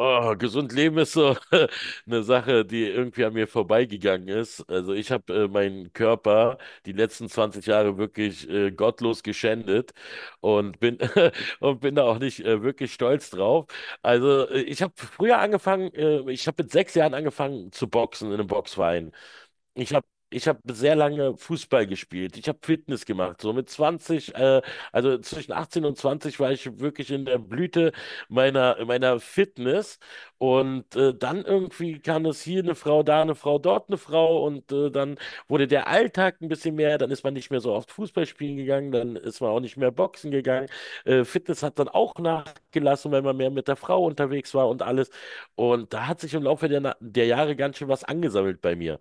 Oh, gesund leben ist so eine Sache, die irgendwie an mir vorbeigegangen ist. Also ich habe meinen Körper die letzten 20 Jahre wirklich gottlos geschändet und bin und bin da auch nicht wirklich stolz drauf. Also ich habe mit 6 Jahren angefangen zu boxen in einem Boxverein. Ich habe ich hab sehr lange Fußball gespielt. Ich habe Fitness gemacht. So mit 20, also zwischen 18 und 20 war ich wirklich in der Blüte meiner Fitness. Und dann irgendwie kam es hier eine Frau, da eine Frau, dort eine Frau. Und dann wurde der Alltag ein bisschen mehr. Dann ist man nicht mehr so oft Fußball spielen gegangen. Dann ist man auch nicht mehr Boxen gegangen. Fitness hat dann auch nachgelassen, weil man mehr mit der Frau unterwegs war und alles. Und da hat sich im Laufe der Jahre ganz schön was angesammelt bei mir.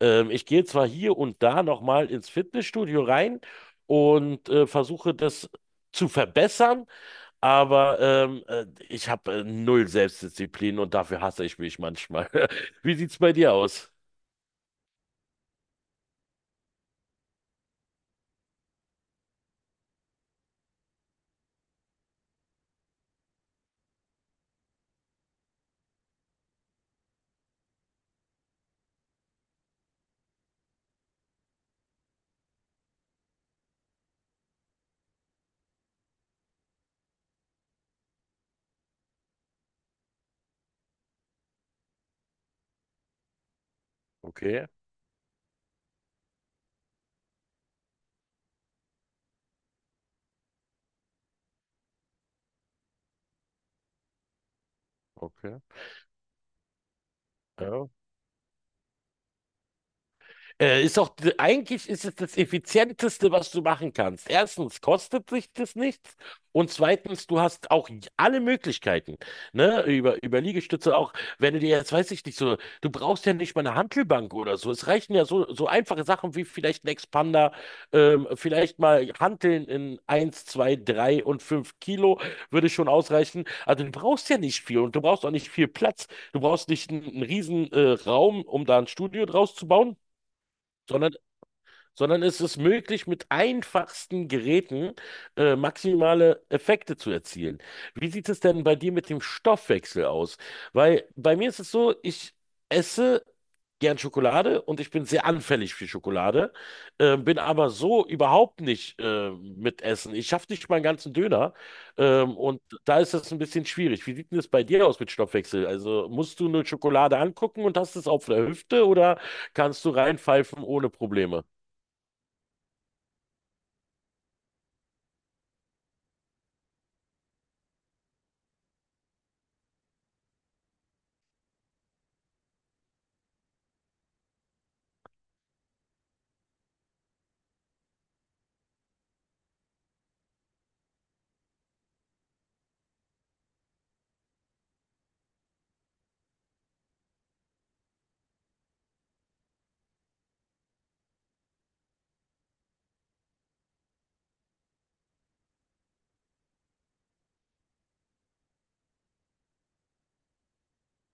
Ich gehe zwar hier und da nochmal ins Fitnessstudio rein und versuche das zu verbessern, aber ich habe null Selbstdisziplin und dafür hasse ich mich manchmal. Wie sieht's bei dir aus? Okay, okay. Ja. Äh, ist auch, eigentlich ist es das Effizienteste, was du machen kannst. Erstens kostet sich das nichts und zweitens, du hast auch alle Möglichkeiten, ne? Über Liegestütze auch, wenn du dir jetzt, weiß ich nicht, so, du brauchst ja nicht mal eine Hantelbank oder so. Es reichen ja so, so einfache Sachen wie vielleicht ein Expander, vielleicht mal Hanteln in 1, 2, 3 und 5 Kilo würde schon ausreichen. Also du brauchst ja nicht viel und du brauchst auch nicht viel Platz. Du brauchst nicht einen riesen, Raum, um da ein Studio draus zu bauen, sondern sondern es ist möglich, mit einfachsten Geräten maximale Effekte zu erzielen. Wie sieht es denn bei dir mit dem Stoffwechsel aus? Weil bei mir ist es so, ich esse gern Schokolade und ich bin sehr anfällig für Schokolade, bin aber so überhaupt nicht mit Essen. Ich schaffe nicht mal einen ganzen Döner, und da ist das ein bisschen schwierig. Wie sieht denn das bei dir aus mit Stoffwechsel? Also musst du eine Schokolade angucken und hast es auf der Hüfte oder kannst du reinpfeifen ohne Probleme?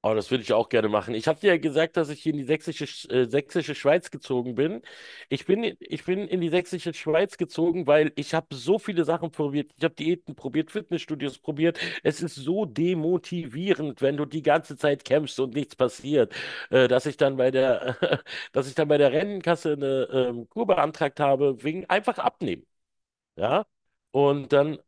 Oh, das würde ich auch gerne machen. Ich habe dir ja gesagt, dass ich hier in die sächsische Schweiz gezogen bin. Ich bin in die sächsische Schweiz gezogen, weil ich habe so viele Sachen probiert. Ich habe Diäten probiert, Fitnessstudios probiert. Es ist so demotivierend, wenn du die ganze Zeit kämpfst und nichts passiert, dass ich dann bei der, dass ich dann bei der Rentenkasse eine Kur beantragt habe, wegen einfach abnehmen. Ja. Und dann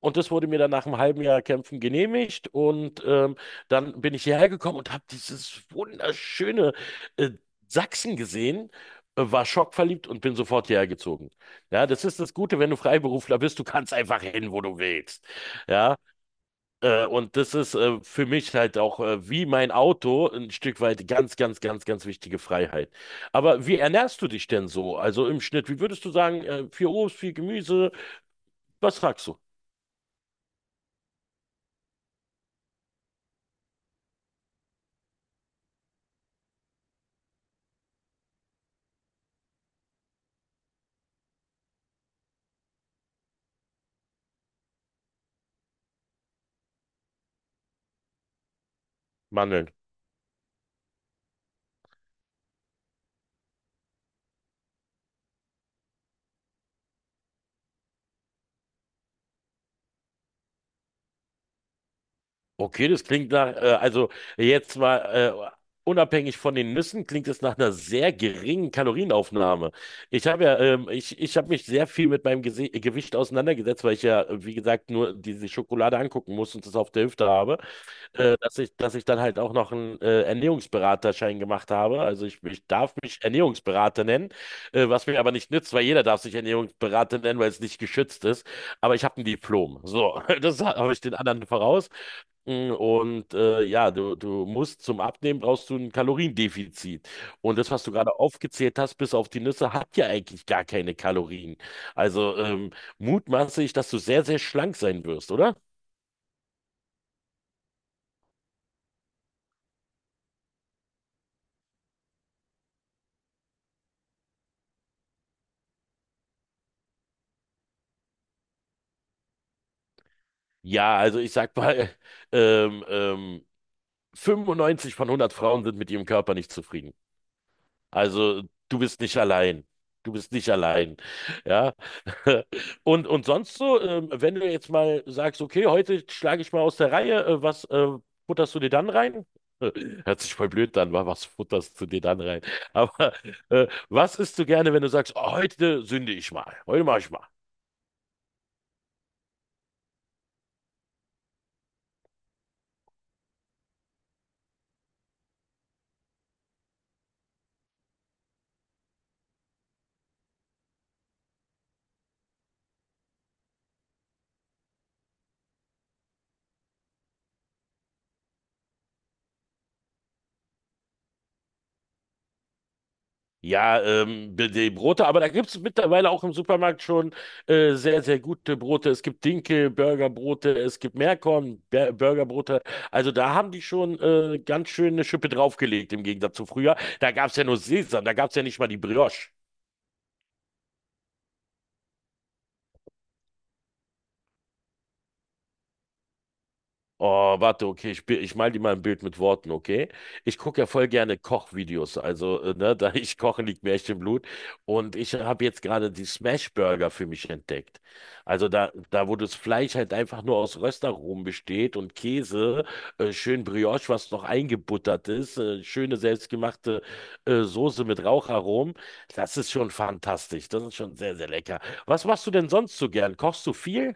und das wurde mir dann nach einem halben Jahr Kämpfen genehmigt. Und dann bin ich hierher gekommen und habe dieses wunderschöne äh, Sachsen gesehen, war schockverliebt und bin sofort hierher gezogen. Ja, das ist das Gute, wenn du Freiberufler bist, du kannst einfach hin, wo du willst. Ja, und das ist für mich halt auch wie mein Auto ein Stück weit ganz, ganz, ganz, ganz wichtige Freiheit. Aber wie ernährst du dich denn so? Also im Schnitt, wie würdest du sagen, viel Obst, viel Gemüse? Was fragst du? Mandeln. Okay, das klingt nach, also jetzt mal unabhängig von den Nüssen, klingt es nach einer sehr geringen Kalorienaufnahme. Ich habe ja, ich habe mich sehr viel mit meinem Gese Gewicht auseinandergesetzt, weil ich ja, wie gesagt, nur diese Schokolade angucken muss und das auf der Hüfte habe, dass ich dann halt auch noch einen Ernährungsberaterschein gemacht habe. Also ich darf mich Ernährungsberater nennen, was mir aber nicht nützt, weil jeder darf sich Ernährungsberater nennen, weil es nicht geschützt ist. Aber ich habe ein Diplom. So, das habe ich den anderen voraus. Und ja, du musst zum Abnehmen brauchst du ein Kaloriendefizit. Und das, was du gerade aufgezählt hast, bis auf die Nüsse, hat ja eigentlich gar keine Kalorien. Also mutmaße ich, dass du sehr, sehr schlank sein wirst, oder? Ja, also ich sag mal, ähm, ähm, 95 von 100 Frauen sind mit ihrem Körper nicht zufrieden. Also du bist nicht allein. Du bist nicht allein. Ja. Und sonst so, wenn du jetzt mal sagst, okay, heute schlage ich mal aus der Reihe, was futterst du dir dann rein? Hört sich voll blöd an, wa? Was futterst du dir dann rein? Aber was isst du gerne, wenn du sagst, oh, heute sünde ich mal, heute mache ich mal? Ja, die Brote, aber da gibt's mittlerweile auch im Supermarkt schon sehr, sehr gute Brote. Es gibt Dinkel, Burgerbrote, es gibt Meerkorn, Burgerbrote. Also da haben die schon ganz schön eine Schippe draufgelegt im Gegensatz zu früher. Da gab's ja nur Sesam, da gab's ja nicht mal die Brioche. Oh, warte, okay, ich mal dir mal ein Bild mit Worten, okay? Ich gucke ja voll gerne Kochvideos, also, ne, da ich koche, liegt mir echt im Blut. Und ich habe jetzt gerade die Smash Burger für mich entdeckt. Also da, wo das Fleisch halt einfach nur aus Röstaromen besteht und Käse, schön Brioche, was noch eingebuttert ist, schöne selbstgemachte Soße mit Raucharomen, das ist schon fantastisch, das ist schon sehr, sehr lecker. Was machst du denn sonst so gern? Kochst du viel?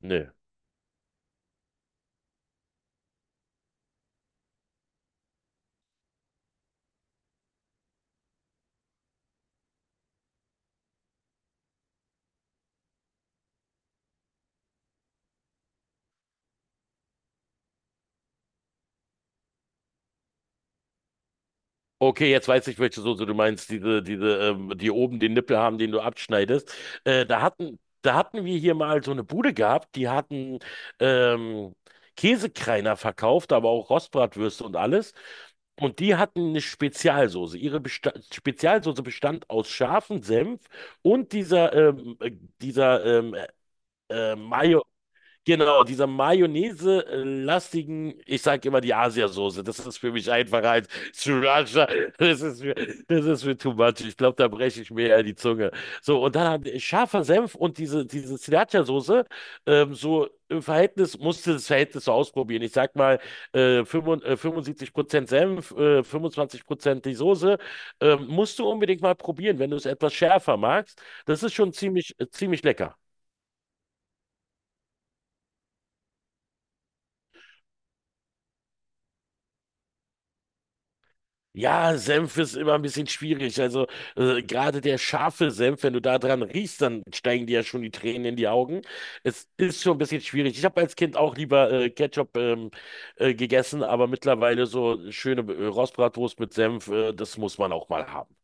Nö. Okay, jetzt weiß ich, welche Soße du meinst, diese, die oben den Nippel haben, den du abschneidest. Da hatten wir hier mal so eine Bude gehabt, die hatten ähm, Käsekreiner verkauft, aber auch Rostbratwürste und alles. Und die hatten eine Spezialsoße. Ihre Besta Spezialsoße bestand aus scharfem Senf und dieser Mayo. Genau, dieser Mayonnaise-lastigen, ich sage immer die Asiasoße. Das ist für mich einfacher als Sriracha. Das ist mir, das ist mir too much. Ich glaube, da breche ich mir eher die Zunge. So, und dann hat scharfer Senf und diese Sriracha-Soße, so im Verhältnis, musste das Verhältnis so ausprobieren. Ich sag mal, 5 75% Senf, 25% die Soße. Musst du unbedingt mal probieren, wenn du es etwas schärfer magst. Das ist schon ziemlich, ziemlich lecker. Ja, Senf ist immer ein bisschen schwierig. Also gerade der scharfe Senf, wenn du da dran riechst, dann steigen dir ja schon die Tränen in die Augen. Es ist schon ein bisschen schwierig. Ich habe als Kind auch lieber Ketchup gegessen, aber mittlerweile so schöne Rostbratwurst mit Senf, das muss man auch mal haben.